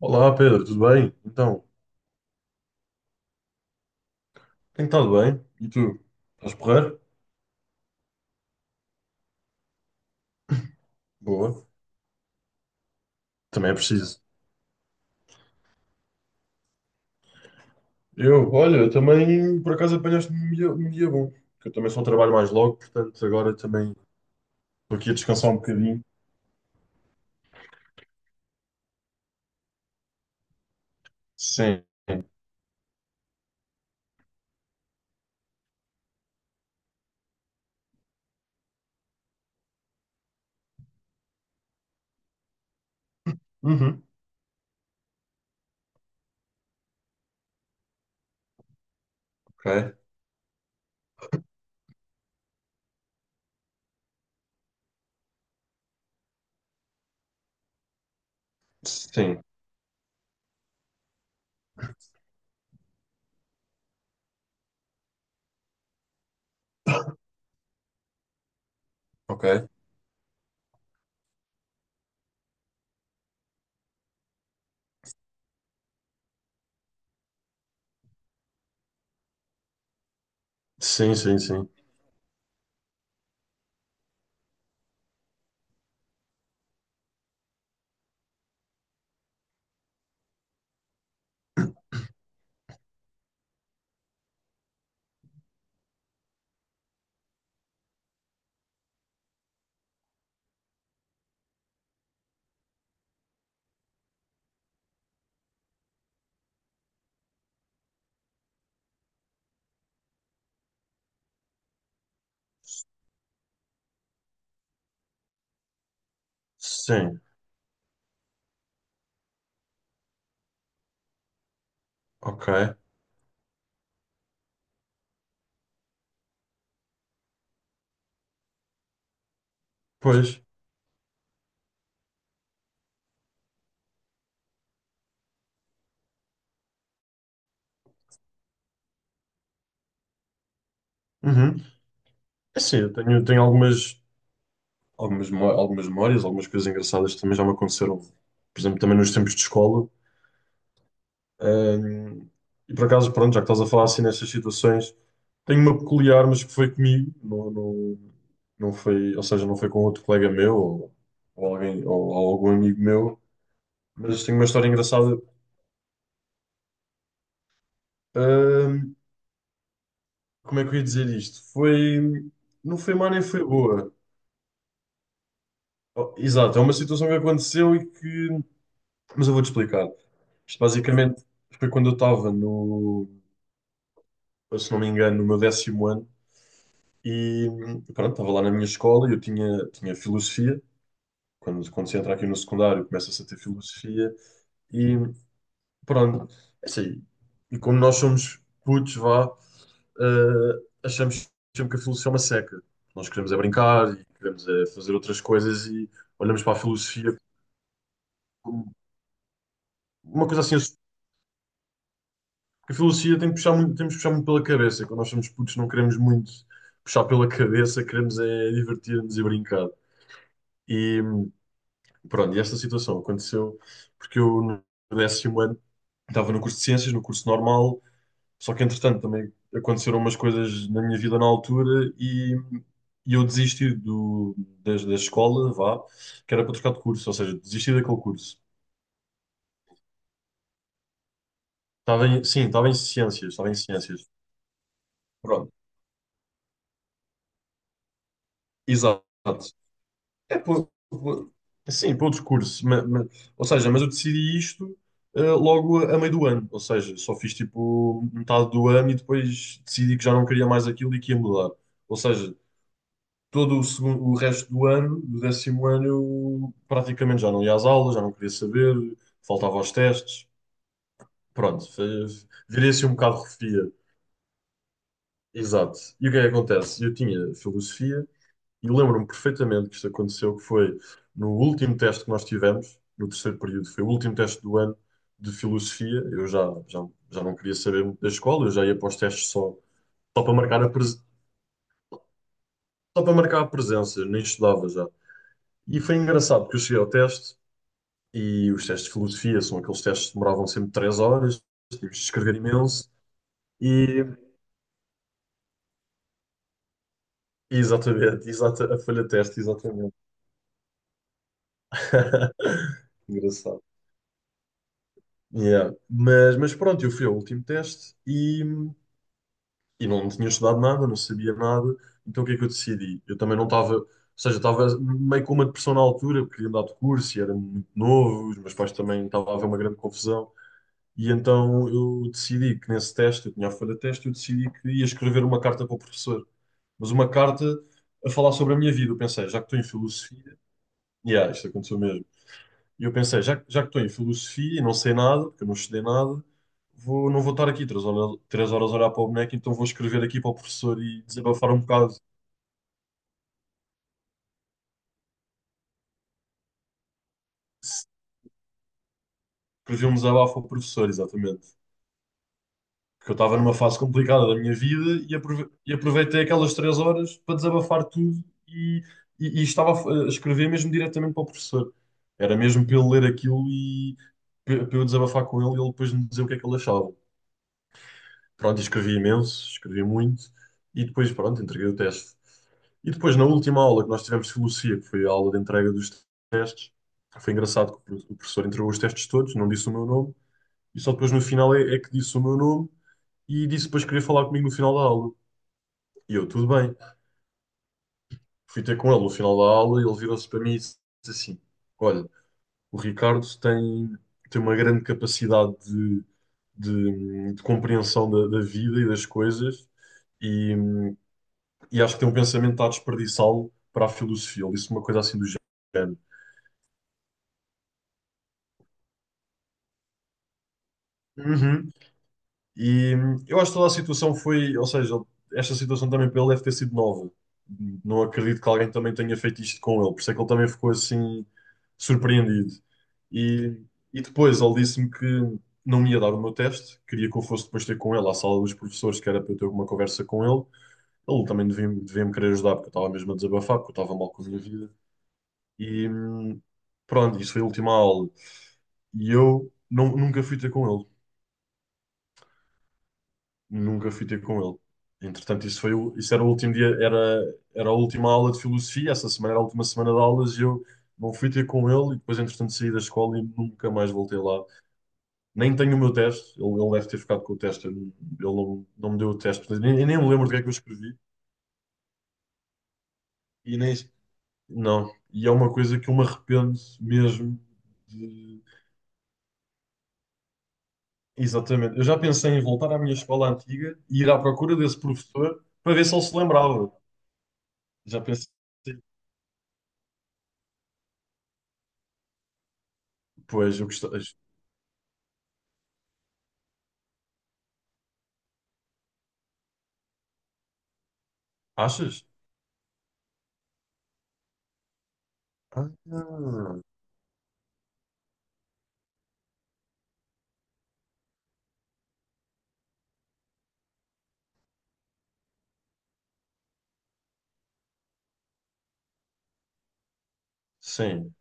Olá Pedro, tudo bem? Então, tem estado bem? E tu? Estás porreiro? Boa. Também é preciso. Eu, olha, também por acaso apanhaste um dia bom. Que eu também só trabalho mais logo, portanto agora também estou aqui a descansar um bocadinho. Sim. Uhum. Ok. Sim. Ok. Sim, sim, sim. Sim. Ok. Pois. Uhum. É assim, eu tenho algumas, algumas memórias, algumas coisas engraçadas que também já me aconteceram. Por exemplo, também nos tempos de escola. Um, e por acaso, pronto, já que estás a falar assim nestas situações, tenho uma peculiar, mas que foi comigo, não foi, ou seja, não foi com outro colega meu ou alguém, ou algum amigo meu, mas tenho uma história engraçada. Um, Como é que eu ia dizer isto? Foi, não foi má nem foi boa. Oh, exato, é uma situação que aconteceu mas eu vou-te explicar. Isto basicamente foi quando eu estava no, se não me engano, no meu décimo ano. E pronto, estava lá na minha escola e eu tinha filosofia. Quando se entra aqui no secundário, começa-se a ter filosofia. E pronto, é assim. E como nós somos putos, vá, achamos sempre que a filosofia é uma seca. Nós queremos é brincar e queremos é fazer outras coisas e olhamos para a filosofia como uma coisa assim. A filosofia tem que puxar muito, temos que puxar muito pela cabeça. Quando nós somos putos, não queremos muito puxar pela cabeça, queremos é divertir-nos e brincar. E pronto, e esta situação aconteceu porque eu no décimo ano estava no curso de ciências, no curso normal, só que entretanto também aconteceram umas coisas na minha vida na altura e eu desisti do, da escola, vá, que era para trocar de curso, ou seja, desisti daquele curso. Estava em, sim, estava em ciências, estava em ciências. Pronto, exato. É pelo, pelo- sim, pelo discurso. Ou seja, mas eu decidi isto logo a meio do ano. Ou seja, só fiz tipo metade do ano e depois decidi que já não queria mais aquilo e que ia mudar. Ou seja, todo o segundo, o resto do ano, do décimo ano, eu praticamente já não ia às aulas, já não queria saber, faltava aos testes. Pronto, virei assim um bocado refia. Exato. E o que é que acontece? Eu tinha filosofia. E lembro-me perfeitamente que isto aconteceu, que foi no último teste que nós tivemos, no terceiro período, foi o último teste do ano de filosofia. Eu já, já, já não queria saber muito da escola, eu já ia para os testes só, só para marcar a presen- só para marcar a presença, nem estudava já. E foi engraçado, porque eu cheguei ao teste e os testes de filosofia são aqueles testes que demoravam sempre três horas, tínhamos de escrever imenso. E, e exatamente, exata, a folha de teste, exatamente. Engraçado. Yeah. Mas pronto, eu fui ao último teste e não tinha estudado nada, não sabia nada. Então o que é que eu decidi? Eu também não estava, ou seja, estava meio com uma depressão na altura, porque queria mudar de curso e era muito novo, os meus pais também estavam a haver uma grande confusão. E então eu decidi que nesse teste, eu tinha a folha de teste, eu decidi que ia escrever uma carta para o professor. Mas uma carta a falar sobre a minha vida. Eu pensei, já que estou em filosofia, yeah, isto aconteceu mesmo. E eu pensei, já que estou em filosofia e não sei nada, porque eu não estudei nada, vou, não vou estar aqui três horas a olhar para o boneco, então vou escrever aqui para o professor e desabafar um bocado. Escrevi um desabafo ao professor, exatamente. Porque eu estava numa fase complicada da minha vida e aproveitei aquelas três horas para desabafar tudo e estava a escrever mesmo diretamente para o professor. Era mesmo para ele ler aquilo e para eu desabafar com ele e ele depois me dizer o que é que ele achava. Pronto, e escrevi imenso, escrevi muito e depois, pronto, entreguei o teste. E depois, na última aula que nós tivemos de filosofia, que foi a aula de entrega dos testes, foi engraçado que o professor entregou os testes todos, não disse o meu nome, e só depois no final é que disse o meu nome e disse depois que queria falar comigo no final da aula. E eu, tudo bem. Fui ter com ele no final da aula e ele virou-se para mim e disse assim: Olha, o Ricardo tem, tem uma grande capacidade de, de compreensão da, da vida e das coisas. E, e acho que tem um pensamento que está a desperdiçá-lo para a filosofia. Ele disse uma coisa assim do género. Uhum. E eu acho que toda a situação foi, ou seja, esta situação também para ele deve ter sido nova. Não acredito que alguém também tenha feito isto com ele, por isso é que ele também ficou assim surpreendido. E, e depois ele disse-me que não me ia dar o meu teste, queria que eu fosse depois ter com ele à sala dos professores, que era para eu ter uma conversa com ele. Ele também devia, devia me querer ajudar, porque eu estava mesmo a desabafar, porque eu estava mal com a minha vida. E pronto, isso foi a última aula. E eu não, nunca fui ter com ele. Nunca fui ter com ele. Entretanto, isso foi, isso era o último dia, era, era a última aula de filosofia, essa semana era a última semana de aulas e eu não fui ter com ele e depois, entretanto, saí da escola e nunca mais voltei lá. Nem tenho o meu teste, ele deve ter ficado com o teste, eu não- ele não, não me deu o teste, portanto, nem, nem me lembro do que é que eu escrevi e nem, não. E é uma coisa que eu me arrependo mesmo de... Exatamente. Eu já pensei em voltar à minha escola antiga e ir à procura desse professor para ver se ele se lembrava. Já pensei. Pois, eu gosto. Achas? Ah, sim.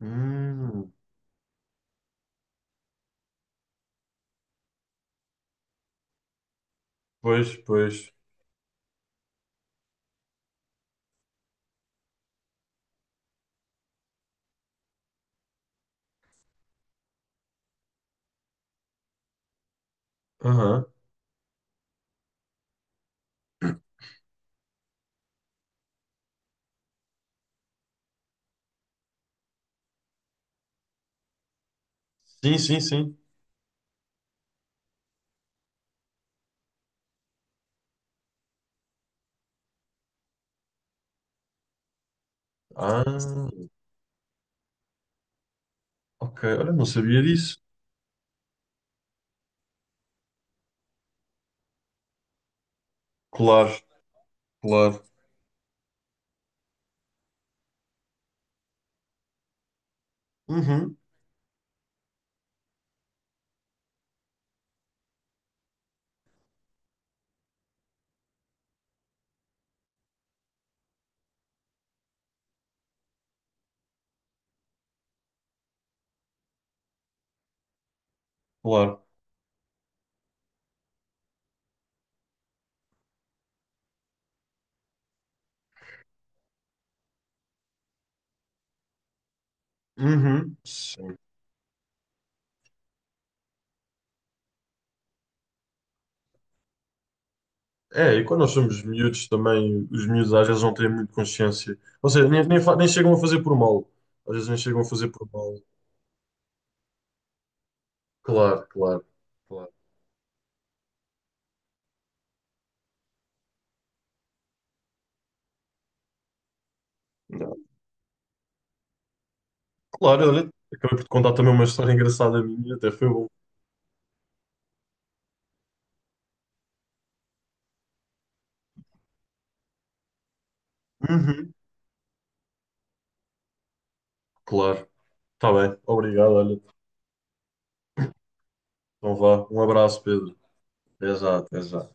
Hum, pois, pois. Aham. Sim, sim, sim. Ah, ok. Olha, não sabia disso. Claro, claro. Uhum, claro. Uhum, sim. É, e quando nós somos miúdos também, os miúdos às vezes não têm muito consciência. Ou seja, nem chegam a fazer por mal. Às vezes nem chegam a fazer por mal. Claro, claro, claro. Não. Claro, olha, acabei por te contar também uma história engraçada minha, até foi bom. Claro. Está bem. Obrigado, olha. Então vá. Um abraço, Pedro. Exato, exato.